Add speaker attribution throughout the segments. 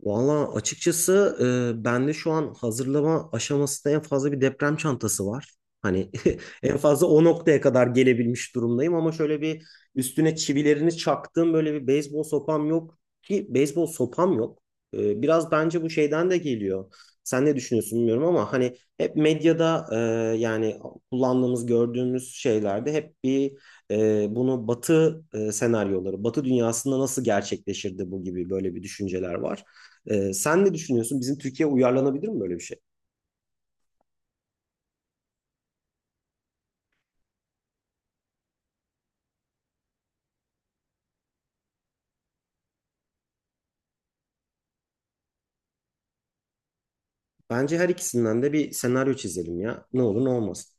Speaker 1: Valla açıkçası bende şu an hazırlama aşamasında en fazla bir deprem çantası var. Hani en fazla o noktaya kadar gelebilmiş durumdayım, ama şöyle bir üstüne çivilerini çaktığım böyle bir beyzbol sopam yok ki, beyzbol sopam yok. Biraz bence bu şeyden de geliyor. Sen ne düşünüyorsun bilmiyorum, ama hani hep medyada yani kullandığımız, gördüğümüz şeylerde hep bir bunu Batı senaryoları, Batı dünyasında nasıl gerçekleşirdi bu gibi böyle bir düşünceler var. Sen ne düşünüyorsun? Bizim Türkiye uyarlanabilir mi böyle bir şey? Bence her ikisinden de bir senaryo çizelim ya. Ne olur ne olmaz.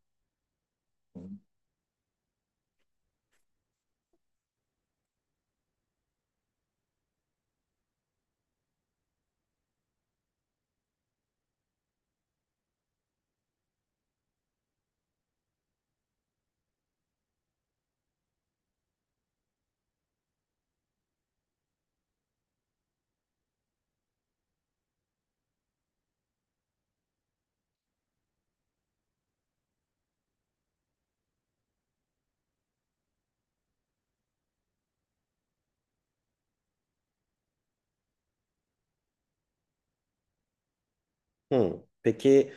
Speaker 1: Hı. Peki,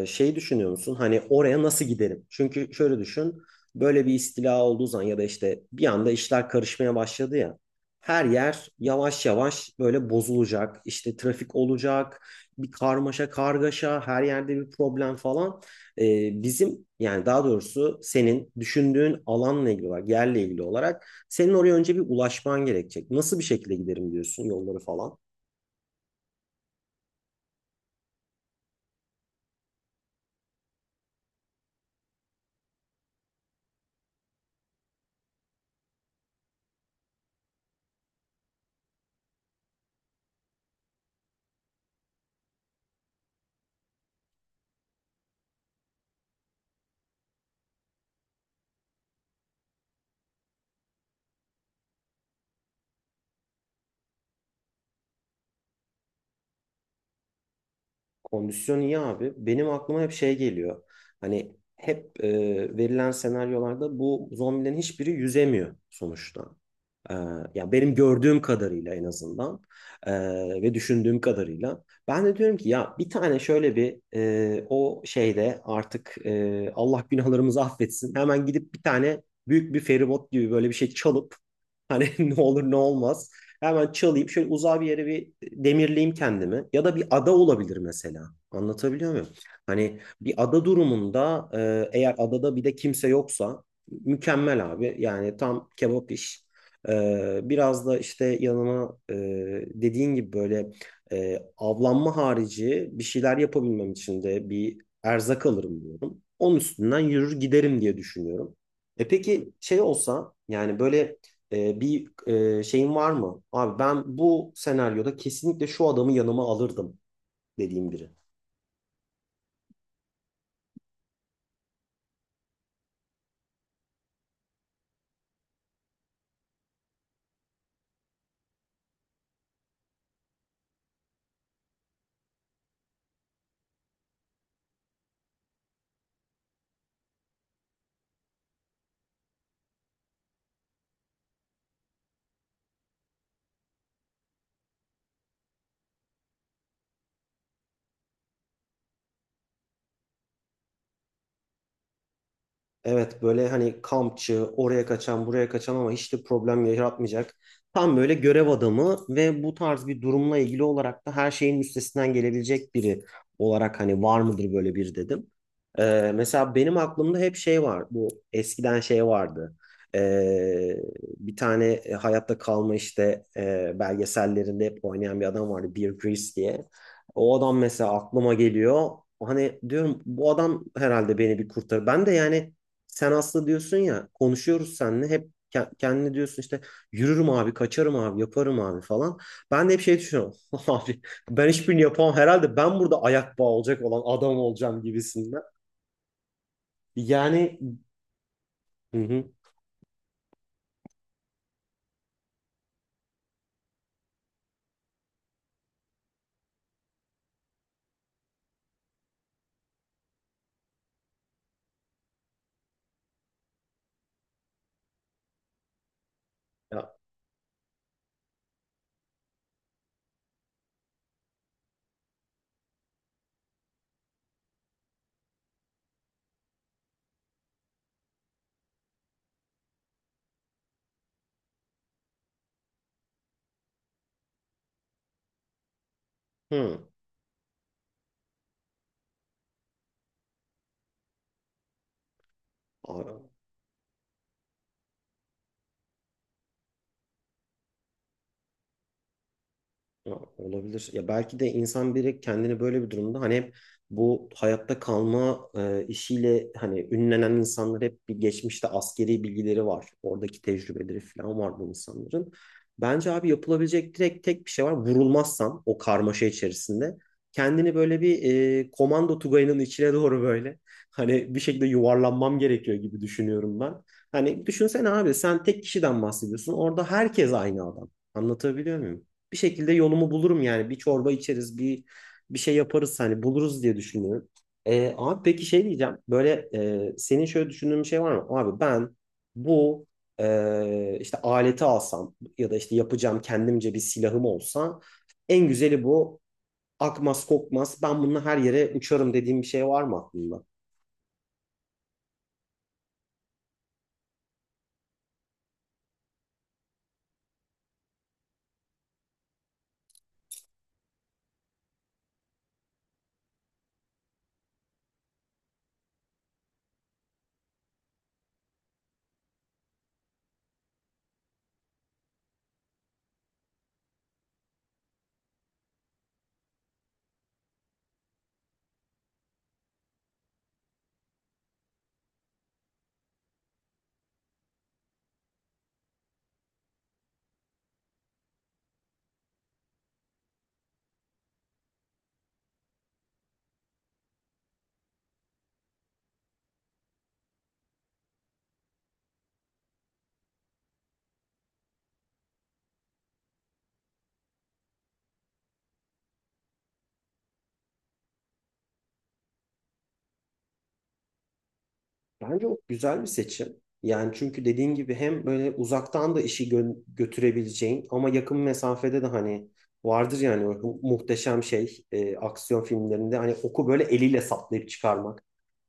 Speaker 1: şey düşünüyor musun? Hani oraya nasıl giderim? Çünkü şöyle düşün. Böyle bir istila olduğu zaman ya da işte bir anda işler karışmaya başladı ya. Her yer yavaş yavaş böyle bozulacak. İşte trafik olacak. Bir karmaşa kargaşa. Her yerde bir problem falan. E, Bizim, yani daha doğrusu senin düşündüğün alanla ilgili olarak, yerle ilgili olarak, senin oraya önce bir ulaşman gerekecek. Nasıl bir şekilde giderim diyorsun, yolları falan? Kondisyon iyi abi. Benim aklıma hep şey geliyor. Hani hep verilen senaryolarda bu zombilerin hiçbiri yüzemiyor sonuçta. Ee, Yani benim gördüğüm kadarıyla en azından, ee, ve düşündüğüm kadarıyla, ben de diyorum ki ya bir tane şöyle bir o şeyde artık Allah günahlarımızı affetsin, hemen gidip bir tane büyük bir feribot gibi böyle bir şey çalıp hani ne olur ne olmaz hemen çalayım, şöyle uzağa bir yere bir demirleyeyim kendimi, ya da bir ada olabilir mesela, anlatabiliyor muyum? Hani bir ada durumunda, eğer adada bir de kimse yoksa, mükemmel abi, yani tam kebap iş. Biraz da işte yanıma dediğin gibi böyle avlanma harici bir şeyler yapabilmem için de bir erzak alırım diyorum. Onun üstünden yürür giderim diye düşünüyorum. E peki şey olsa, yani böyle bir şeyin var mı? Abi, ben bu senaryoda kesinlikle şu adamı yanıma alırdım dediğim biri. Evet, böyle hani kampçı, oraya kaçan, buraya kaçan, ama hiç de problem yaratmayacak. Tam böyle görev adamı ve bu tarz bir durumla ilgili olarak da her şeyin üstesinden gelebilecek biri olarak hani var mıdır böyle bir, dedim. Mesela benim aklımda hep şey var. Bu eskiden şey vardı. Ee, Bir tane hayatta kalma işte belgesellerinde hep oynayan bir adam vardı. Bear Grylls diye. O adam mesela aklıma geliyor. Hani diyorum bu adam herhalde beni bir kurtarır. Ben de yani, sen aslında diyorsun ya, konuşuyoruz seninle, hep kendine diyorsun işte yürürüm abi, kaçarım abi, yaparım abi falan. Ben de hep şey düşünüyorum abi, ben hiçbirini yapamam herhalde, ben burada ayak bağı olacak olan adam olacağım gibisinden. Yani hı hı. Ya, hı. Ya, olabilir. Ya belki de insan biri kendini böyle bir durumda hani hep bu hayatta kalma işiyle hani ünlenen insanlar hep bir geçmişte askeri bilgileri var. Oradaki tecrübeleri falan var bu insanların. Bence abi yapılabilecek direkt tek bir şey var. Vurulmazsan o karmaşa içerisinde kendini böyle bir komando tugayının içine doğru böyle hani bir şekilde yuvarlanmam gerekiyor gibi düşünüyorum ben. Hani düşünsene abi, sen tek kişiden bahsediyorsun. Orada herkes aynı adam. Anlatabiliyor muyum? Bir şekilde yolumu bulurum yani. Bir çorba içeriz, bir şey yaparız, hani buluruz diye düşünüyorum. Abi peki şey diyeceğim. Böyle senin şöyle düşündüğün bir şey var mı? Abi ben bu işte aleti alsam ya da işte yapacağım kendimce bir silahım olsa, en güzeli bu. Akmaz kokmaz, ben bununla her yere uçarım dediğim bir şey var mı aklında? Bence o güzel bir seçim. Yani çünkü dediğin gibi hem böyle uzaktan da işi götürebileceğin, ama yakın mesafede de hani vardır yani o muhteşem şey, aksiyon filmlerinde hani oku böyle eliyle saplayıp çıkarmak.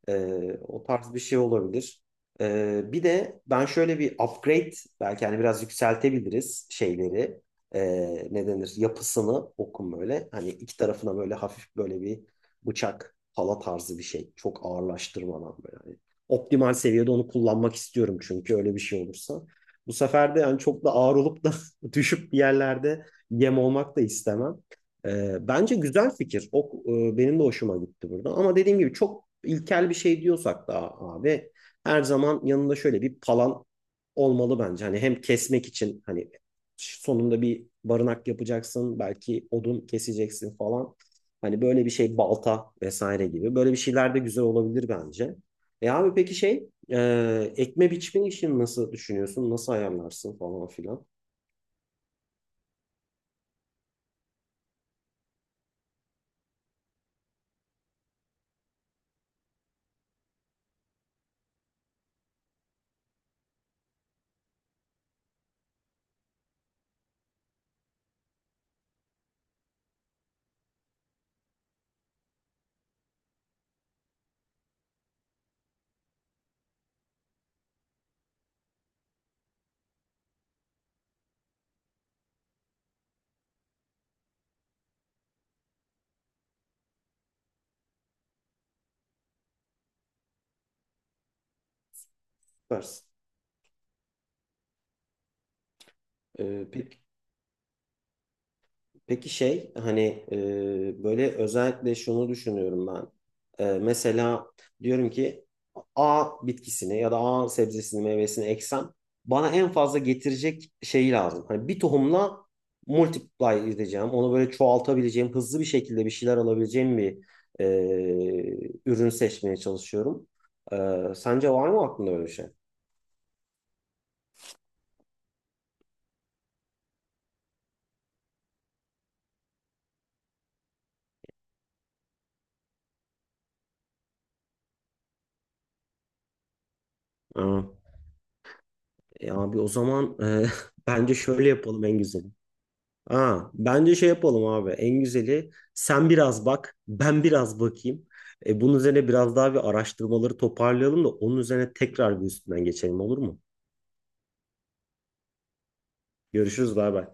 Speaker 1: O tarz bir şey olabilir. Bir de ben şöyle bir upgrade belki hani biraz yükseltebiliriz şeyleri. Ne denir? Yapısını okun böyle. Hani iki tarafına böyle hafif böyle bir bıçak, pala tarzı bir şey. Çok ağırlaştırmadan böyle. Hani optimal seviyede onu kullanmak istiyorum, çünkü öyle bir şey olursa bu sefer de yani çok da ağır olup da düşüp bir yerlerde yem olmak da istemem. Bence güzel fikir. O, benim de hoşuma gitti burada. Ama dediğim gibi çok ilkel bir şey diyorsak da abi, her zaman yanında şöyle bir palan olmalı bence. Hani hem kesmek için, hani sonunda bir barınak yapacaksın, belki odun keseceksin falan. Hani böyle bir şey, balta vesaire gibi. Böyle bir şeyler de güzel olabilir bence. E abi peki şey, ekme biçme işini nasıl düşünüyorsun? Nasıl ayarlarsın falan filan? Süpersin. Peki. Peki şey hani, böyle özellikle şunu düşünüyorum ben. Mesela diyorum ki A bitkisini ya da A sebzesini, meyvesini eksem bana en fazla getirecek şeyi lazım. Hani bir tohumla multiply edeceğim. Onu böyle çoğaltabileceğim, hızlı bir şekilde bir şeyler alabileceğim bir e, ürün seçmeye çalışıyorum. E, Sence var mı aklında öyle bir şey? Aa, abi o zaman, bence şöyle yapalım en güzeli. Ha, bence şey yapalım abi. En güzeli, sen biraz bak, ben biraz bakayım. Bunun üzerine biraz daha bir araştırmaları toparlayalım da onun üzerine tekrar bir üstünden geçelim, olur mu? Görüşürüz, bay bay.